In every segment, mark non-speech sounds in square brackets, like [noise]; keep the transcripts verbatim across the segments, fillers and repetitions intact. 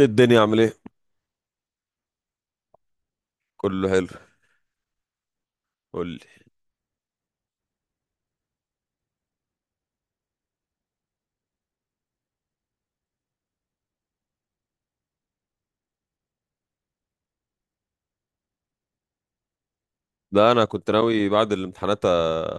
الدنيا عامل ايه؟ كله حلو. قول لي. ده انا كنت ناوي بعد الامتحانات أ-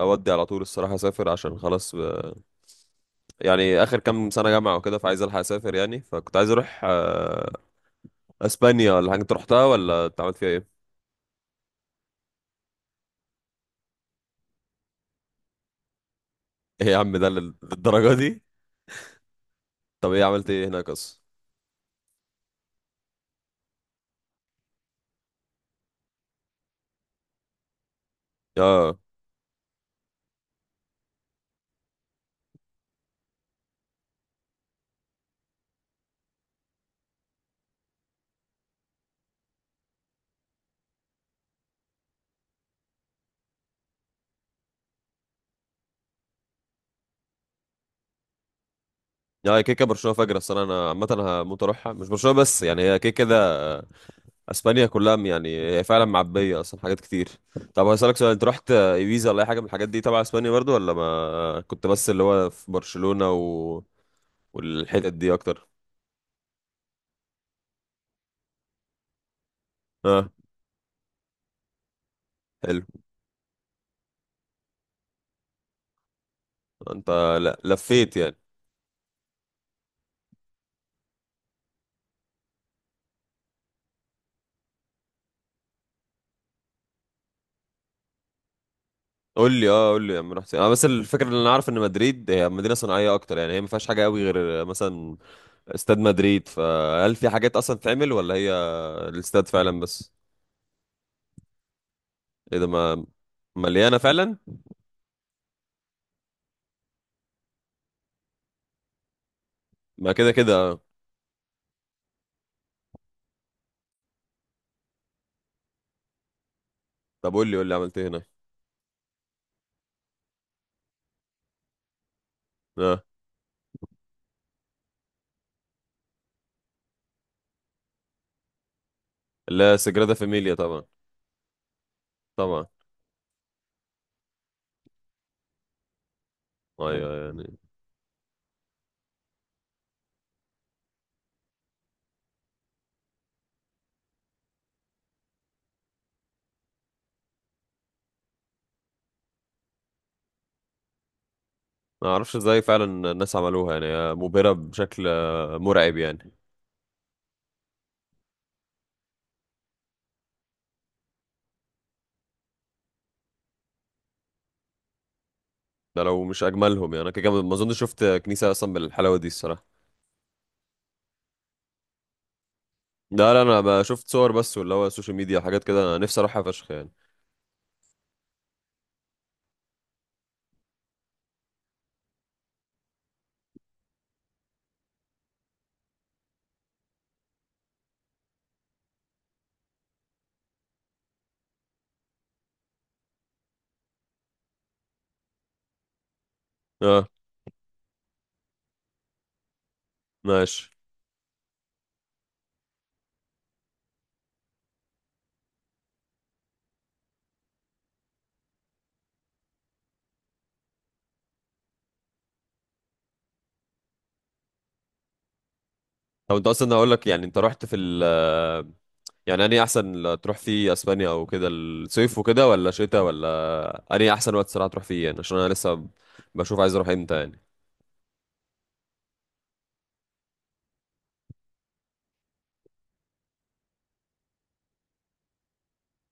اودي على طول الصراحه، اسافر عشان خلاص. ب... يعني اخر كام سنه جامعه وكده، فعايز الحق اسافر يعني. فكنت عايز اروح آه، اسبانيا ولا حاجه. انت رحتها ولا أنت عملت فيها ايه؟ [laughs] ايه يا عم، ده لل- للدرجه دي؟ طب ايه، عملت ايه هناك اصلا؟ اه، يا كيكه برشلونه فجر السنه انا عامه. هموت اروحها، مش برشلونه بس يعني هي كيكه ده، اسبانيا كلها يعني. هي فعلا معبيه اصلا حاجات كتير. طب هسألك سؤال، انت رحت ايبيزا ولا اي حاجه من الحاجات دي تبع اسبانيا برضو، ولا ما كنت بس اللي هو في برشلونه و... والحتت دي اكتر؟ اه. حلو. انت لا، لفيت يعني. قول لي، اه، قول لي يا عم رحت فين. انا بس الفكره، اللي انا عارف ان مدريد هي مدينه صناعيه اكتر يعني. هي ما فيهاش حاجه قوي غير مثلا استاد مدريد، فهل في حاجات اصلا تعمل ولا هي الاستاد فعلا بس؟ ايه ده، ما مليانه فعلا؟ ما كده كده آه. طب قول لي، قول لي عملت ايه هنا. لا سجرادة فاميليا طبعا. طبعا. ايوه يعني. ما اعرفش ازاي فعلا الناس عملوها، يعني هي مبهرة بشكل آه، مرعب يعني. ده لو مش اجملهم يعني، انا كده كده ما اظنش شفت كنيسة اصلا بالحلاوة دي الصراحة. لا لا، انا بقى شفت صور بس، واللي هو السوشيال ميديا حاجات كده، انا نفسي اروحها فشخ يعني. اه. ماشي. طب انت اصلا هقول لك، يعني انت رحت في ال آه، يعني انهي احسن ل- تروح فيه اسبانيا، او كده، الصيف وكده ولا شتاء، ولا انهي احسن وقت صراحة تروح فيه يعني؟ عشان انا لسه بشوف عايز اروح امتى يعني.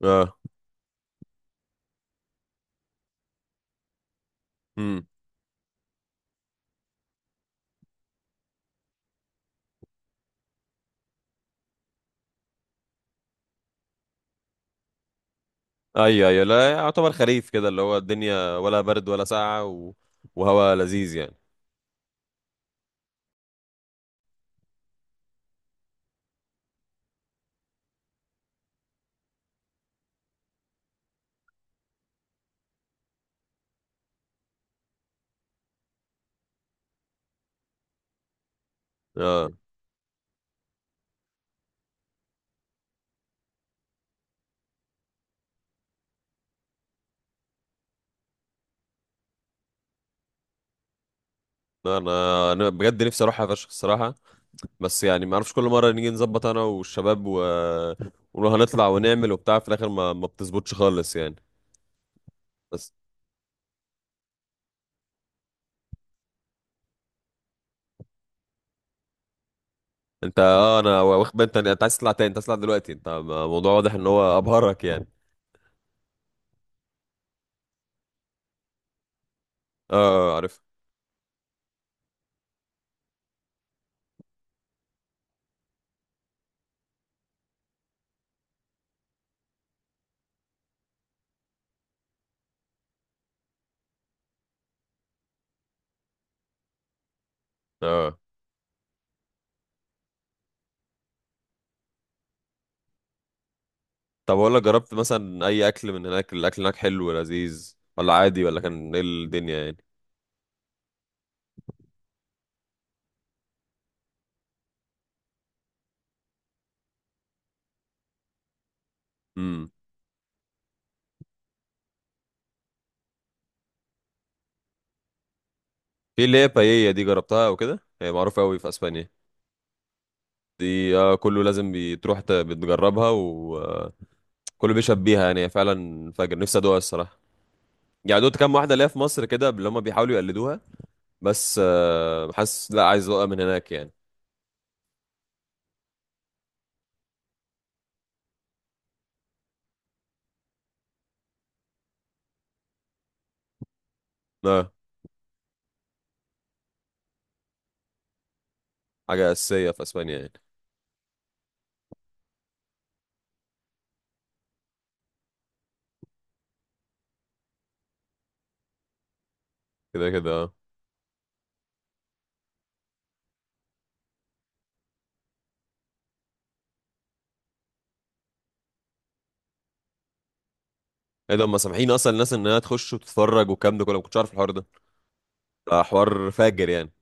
اه. ايوه ايوه، لا يعتبر خريف كده، اللي هو الدنيا ولا برد ولا ساقعه و... وهواء لذيذ يعني. اه. لا، انا انا بجد نفسي اروحها فشخ الصراحه. بس يعني ما اعرفش، كل مره نيجي نظبط انا والشباب و... ونروح، هنطلع ونعمل وبتاع، في الاخر ما, ما بتظبطش خالص يعني. بس. انت اه، انا واخد بالي، انت انت عايز تطلع تاني، انت عايز تطلع دلوقتي. انت الموضوع واضح ان هو ابهرك يعني. اه. آه، عارف. اه. طب اقول لك، جربت مثلا اي اكل من هناك؟ الاكل هناك حلو ولذيذ، ولا عادي، ولا كان ايه الدنيا يعني؟ في اللي هي بايية دي، جربتها او كده؟ هي معروفة قوي في اسبانيا دي. آه، كله لازم بتروح ت- بتجربها، وكله بيشهد بيها يعني. هي فعلا فجر نفسي ادوقها الصراحة يعني. دوت كام واحدة ليا في مصر كده اللي هم بيحاولوا يقلدوها بس. آه، حاسس لا، عايز ادوقها من هناك يعني. اه. حاجة أساسية في اسبانيا يعني. كده كده. اه. ايه ده، هم سامحين اصلا الناس انها تخش وتتفرج والكلام ده كله؟ ما كنتش عارف الحوار ده. آه، حوار فاجر يعني.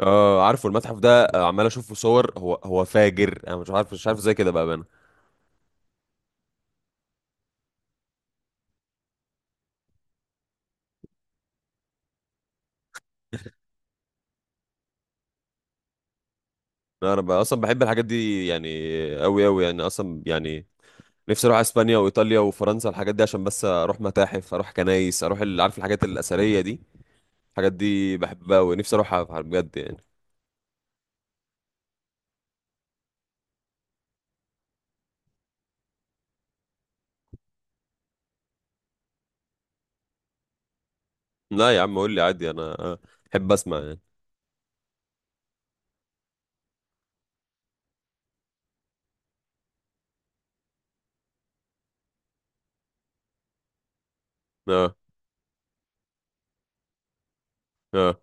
اه. عارفه المتحف ده، آه، عمال اشوف في صور. هو هو فاجر، انا مش عارف، مش عارف ازاي كده بقى. لا، انا بقى اصلا بحب الحاجات دي يعني، قوي قوي يعني اصلا يعني. نفسي اروح اسبانيا وايطاليا وفرنسا، الحاجات دي عشان بس اروح متاحف، اروح كنايس، اروح ال- عارف الحاجات الاثريه دي. الحاجات دي بحبها ونفسي اروحها ف- بجد يعني. لا يا عم، قول لي عادي، انا احب اسمع يعني. اه اه.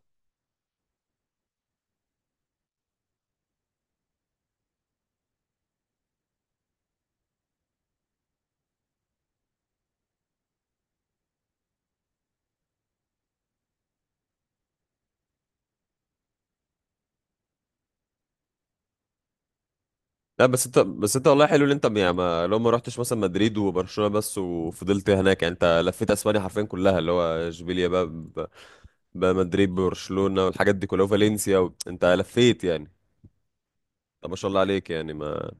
لا بس انت، بس انت والله حلو ان انت يعني، ما لو ما رحتش مثلا مدريد وبرشلونه بس وفضلت هناك يعني، انت لفيت اسبانيا حرفيا كلها، اللي هو اشبيليا بقى ب- بقى، مدريد، برشلونه والحاجات دي كلها، وفالنسيا و... انت لفيت يعني. طب ما شاء الله عليك يعني، ما.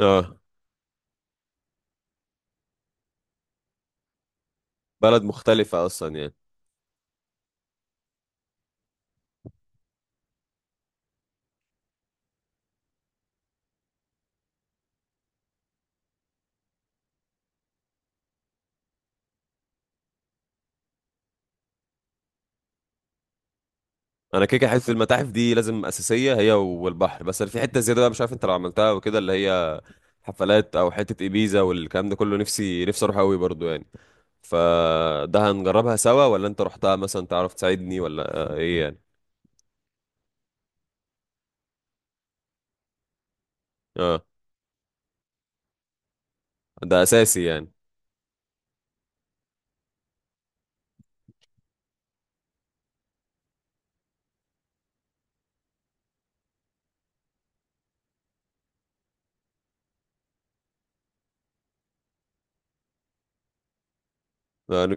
اه. بلد مختلفة أصلا يعني. أنا كده كده حتة المتاحف دي لازم أساسية، هي والبحر. بس أنا في حتة زيادة بقى، مش عارف أنت لو عملتها وكده، اللي هي حفلات أو حتة إبيزا والكلام ده كله، نفسي نفسي أروح أوي برضو يعني. فده هنجربها سوا، ولا أنت رحتها مثلا تعرف تساعدني، ولا آه إيه يعني؟ اه. ده أساسي يعني. آه ن-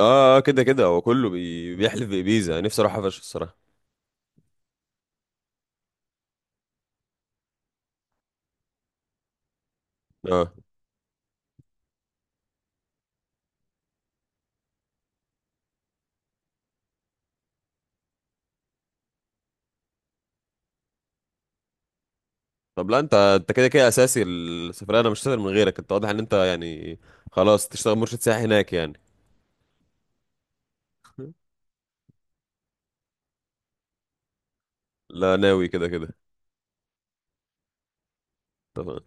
آه، آه، كده كده هو كله بي- بيحلف بإبيزا. نفسي أروحها فشخ الصراحة. اه. طب لا انت، انت كده كده اساسي السفريه، انا مش هسافر من غيرك. انت واضح ان انت يعني خلاص تشتغل مرشد سياحي هناك يعني. لا، ناوي كده كده. طبعا.